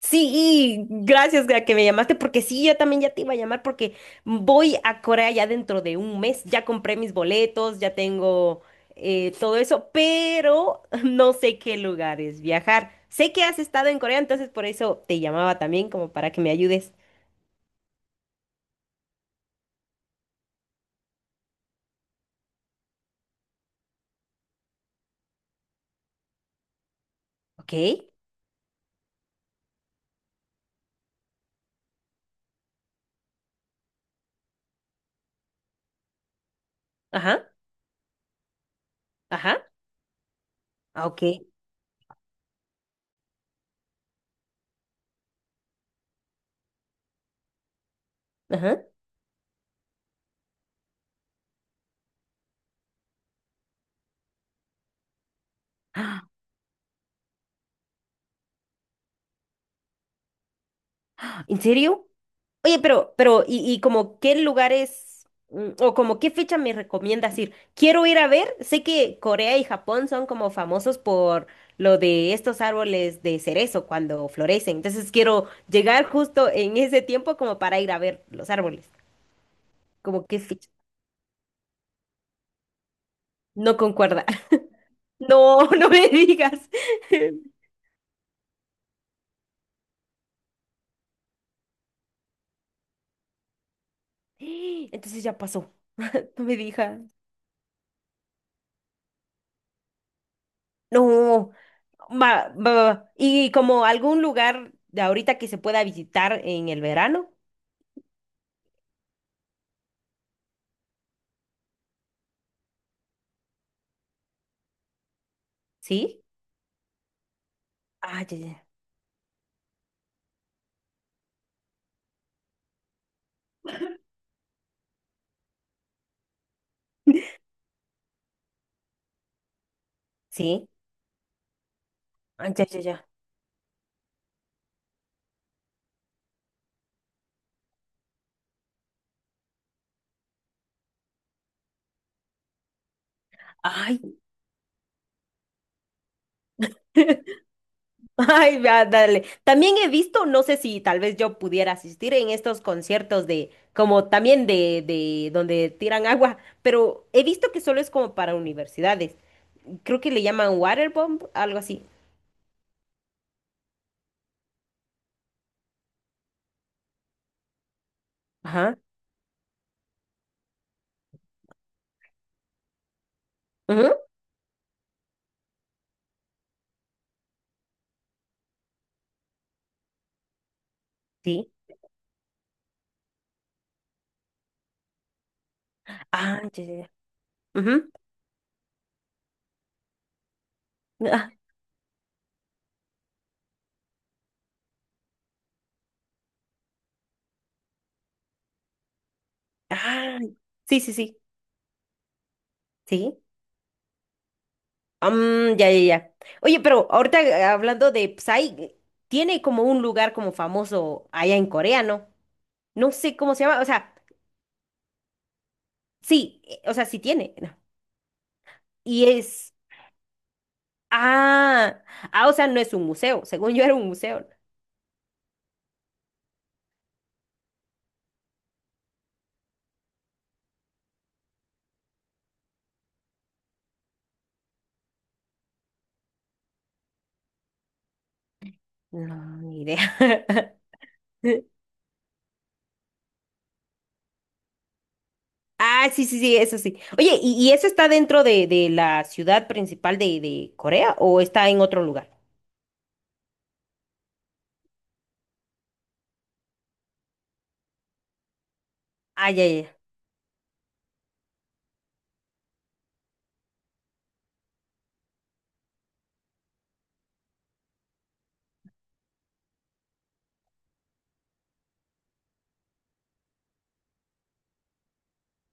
Sí, y gracias a que me llamaste, porque sí, yo también ya te iba a llamar porque voy a Corea ya dentro de un mes, ya compré mis boletos, ya tengo todo eso, pero no sé qué lugares viajar. Sé que has estado en Corea, entonces por eso te llamaba también como para que me ayudes. ¿Ok? Ajá, ajá, ah, ok, ajá. Ah, ¿en serio? Oye, pero, y como qué lugares o como qué fecha me recomiendas ir. Quiero ir a ver, sé que Corea y Japón son como famosos por lo de estos árboles de cerezo cuando florecen. Entonces quiero llegar justo en ese tiempo como para ir a ver los árboles. Como qué fecha. No concuerda. No, no me digas. Entonces ya pasó. No me digas. No. Va, va, va, va. Y como algún lugar de ahorita que se pueda visitar en el verano. ¿Sí? Ah, ya, ya. Sí. Ah, ya, ya, ya. Ay. Ay, va, dale. También he visto, no sé si tal vez yo pudiera asistir en estos conciertos de, como también de donde tiran agua, pero he visto que solo es como para universidades. Creo que le llaman waterbomb, algo así. Ajá, ujú, sí. Ah, ya, ya, ya, ujú. Ah, ah, sí, sí, sí. Sí. Mm, ya, ya, ya. Oye, pero ahorita hablando de Psy, tiene como un lugar como famoso allá en Corea, ¿no? No sé cómo se llama, o sea, sí tiene. ¿No? Y es, ah, ah, o sea, no es un museo, según yo era un museo. No, no, ni idea. Ah, sí, sí, sí, eso sí. Oye, ¿y eso está dentro de la ciudad principal de Corea o está en otro lugar? Ah, ya, ya, ya.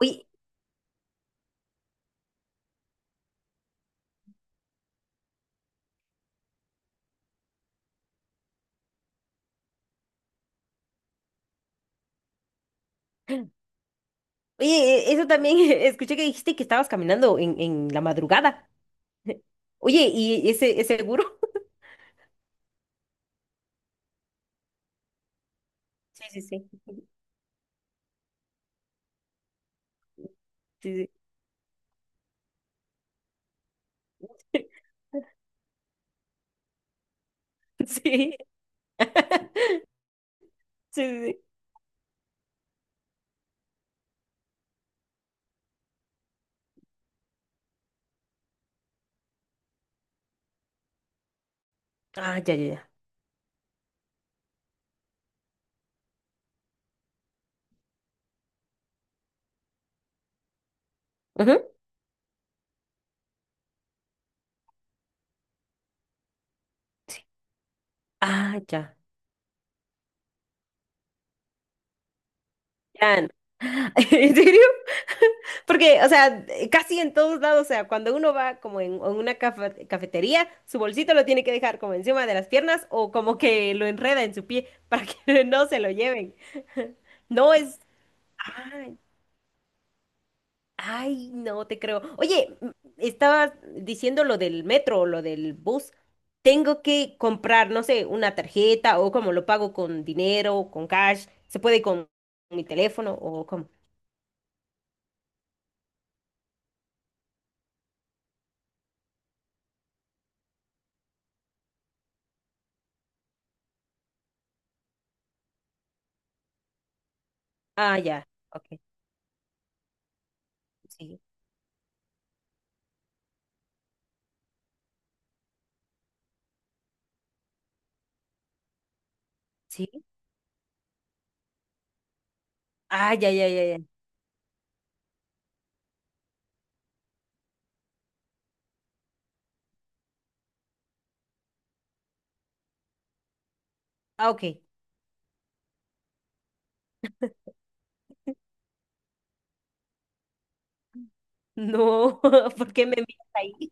Oye, eso también, escuché que dijiste que estabas caminando en la madrugada. Oye, ¿y ese gurú? Sí, sí, sí, sí, sí, sí, sí, sí. Ah, ya, ya, ya. Ujú. Ah, ya. Ya. No. ¿En serio? Porque, o sea, casi en todos lados, o sea, cuando uno va como en una cafetería, su bolsito lo tiene que dejar como encima de las piernas o como que lo enreda en su pie para que no se lo lleven. No es. Ah, ay, no te creo. Oye, estabas diciendo lo del metro o lo del bus. Tengo que comprar, no sé, una tarjeta o cómo lo pago con dinero, con cash. ¿Se puede con mi teléfono o cómo? Ah, ya. Ok. Sí. Sí. Ah, ya, ya, ya, ya. Ah, ok. No, ¿por qué me envías ahí?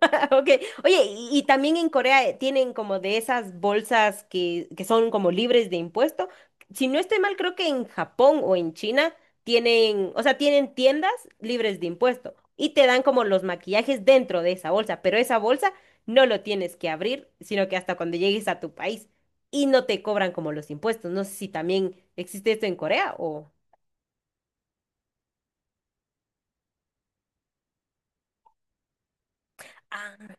Ok, oye, y también en Corea tienen como de esas bolsas que son como libres de impuesto. Si no estoy mal, creo que en Japón o en China tienen, o sea, tienen tiendas libres de impuesto y te dan como los maquillajes dentro de esa bolsa, pero esa bolsa no lo tienes que abrir, sino que hasta cuando llegues a tu país y no te cobran como los impuestos. No sé si también existe esto en Corea o. Ah.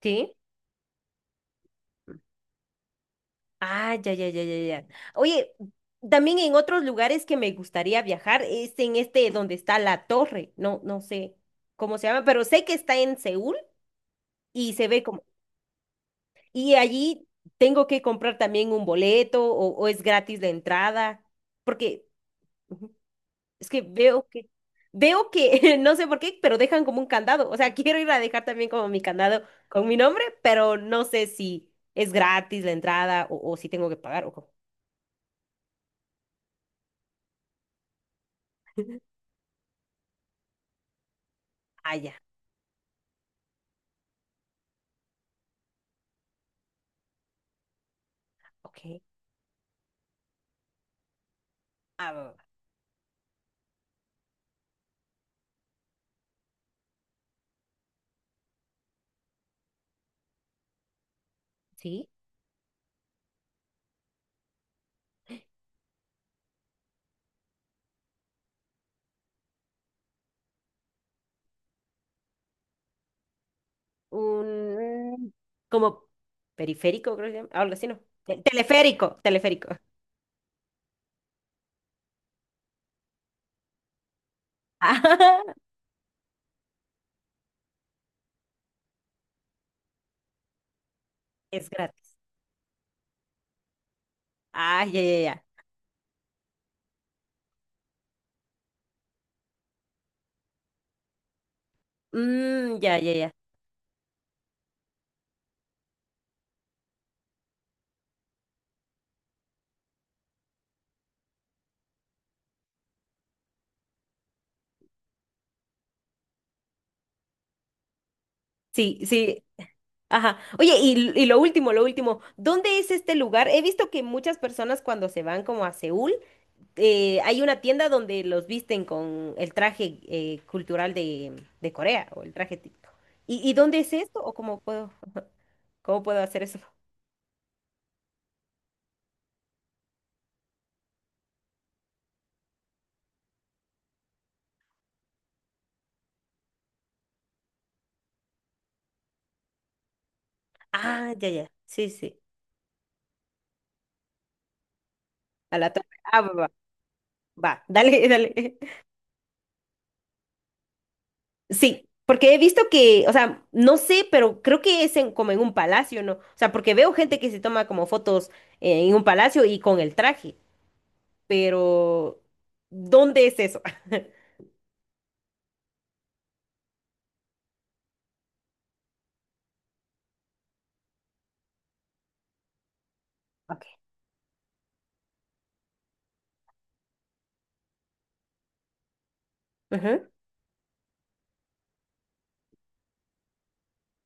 ¿Sí? Ah, ya, ya, ya, ya, ya. Oye, también en otros lugares que me gustaría viajar es en este donde está la torre. No, no sé cómo se llama, pero sé que está en Seúl y se ve como. Y allí tengo que comprar también un boleto o es gratis la entrada, porque ujú, es que veo que no sé por qué, pero dejan como un candado. O sea, quiero ir a dejar también como mi candado con mi nombre, pero no sé si es gratis la entrada o si tengo que pagar o cómo. Ah, ya. Ok. Ah, va, va, va. ¿Sí? Un como periférico, creo que se llama. Algo así, ¿no? Teleférico, teleférico. Ah, es gratis. Ah, ya, ya, ya. Mm, ya, ya, ya. Sí, sí. Ajá. Oye, y lo último, lo último. ¿Dónde es este lugar? He visto que muchas personas cuando se van como a Seúl, hay una tienda donde los visten con el traje cultural de Corea o el traje típico. ¿Y dónde es esto? ¿O cómo puedo hacer eso? Ah, ya, ya. Sí, sí. A la torre. Ah, va, va, va. Dale, dale. Sí, porque he visto que, o sea, no sé, pero creo que es como en un palacio, ¿no? O sea, porque veo gente que se toma como fotos en un palacio y con el traje, pero ¿dónde es eso? Ok. Ujú,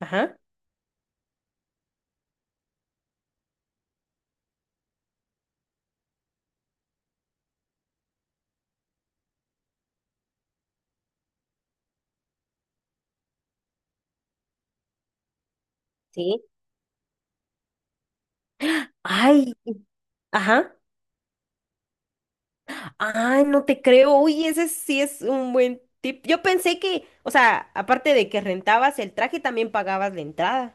ajá. Sí. Ay, ajá. Ay, no te creo. Uy, ese sí es un buen tip. Yo pensé que, o sea, aparte de que rentabas el traje, también pagabas la entrada.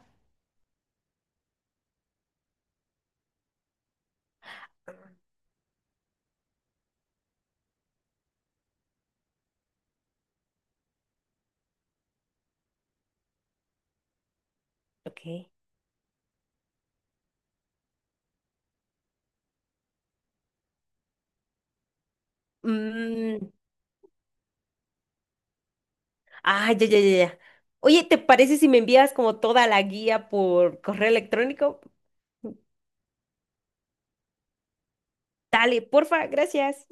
Ok. Mm, ah, ya, ya, ya, ya. Oye, ¿te parece si me envías como toda la guía por correo electrónico? Dale, porfa, gracias.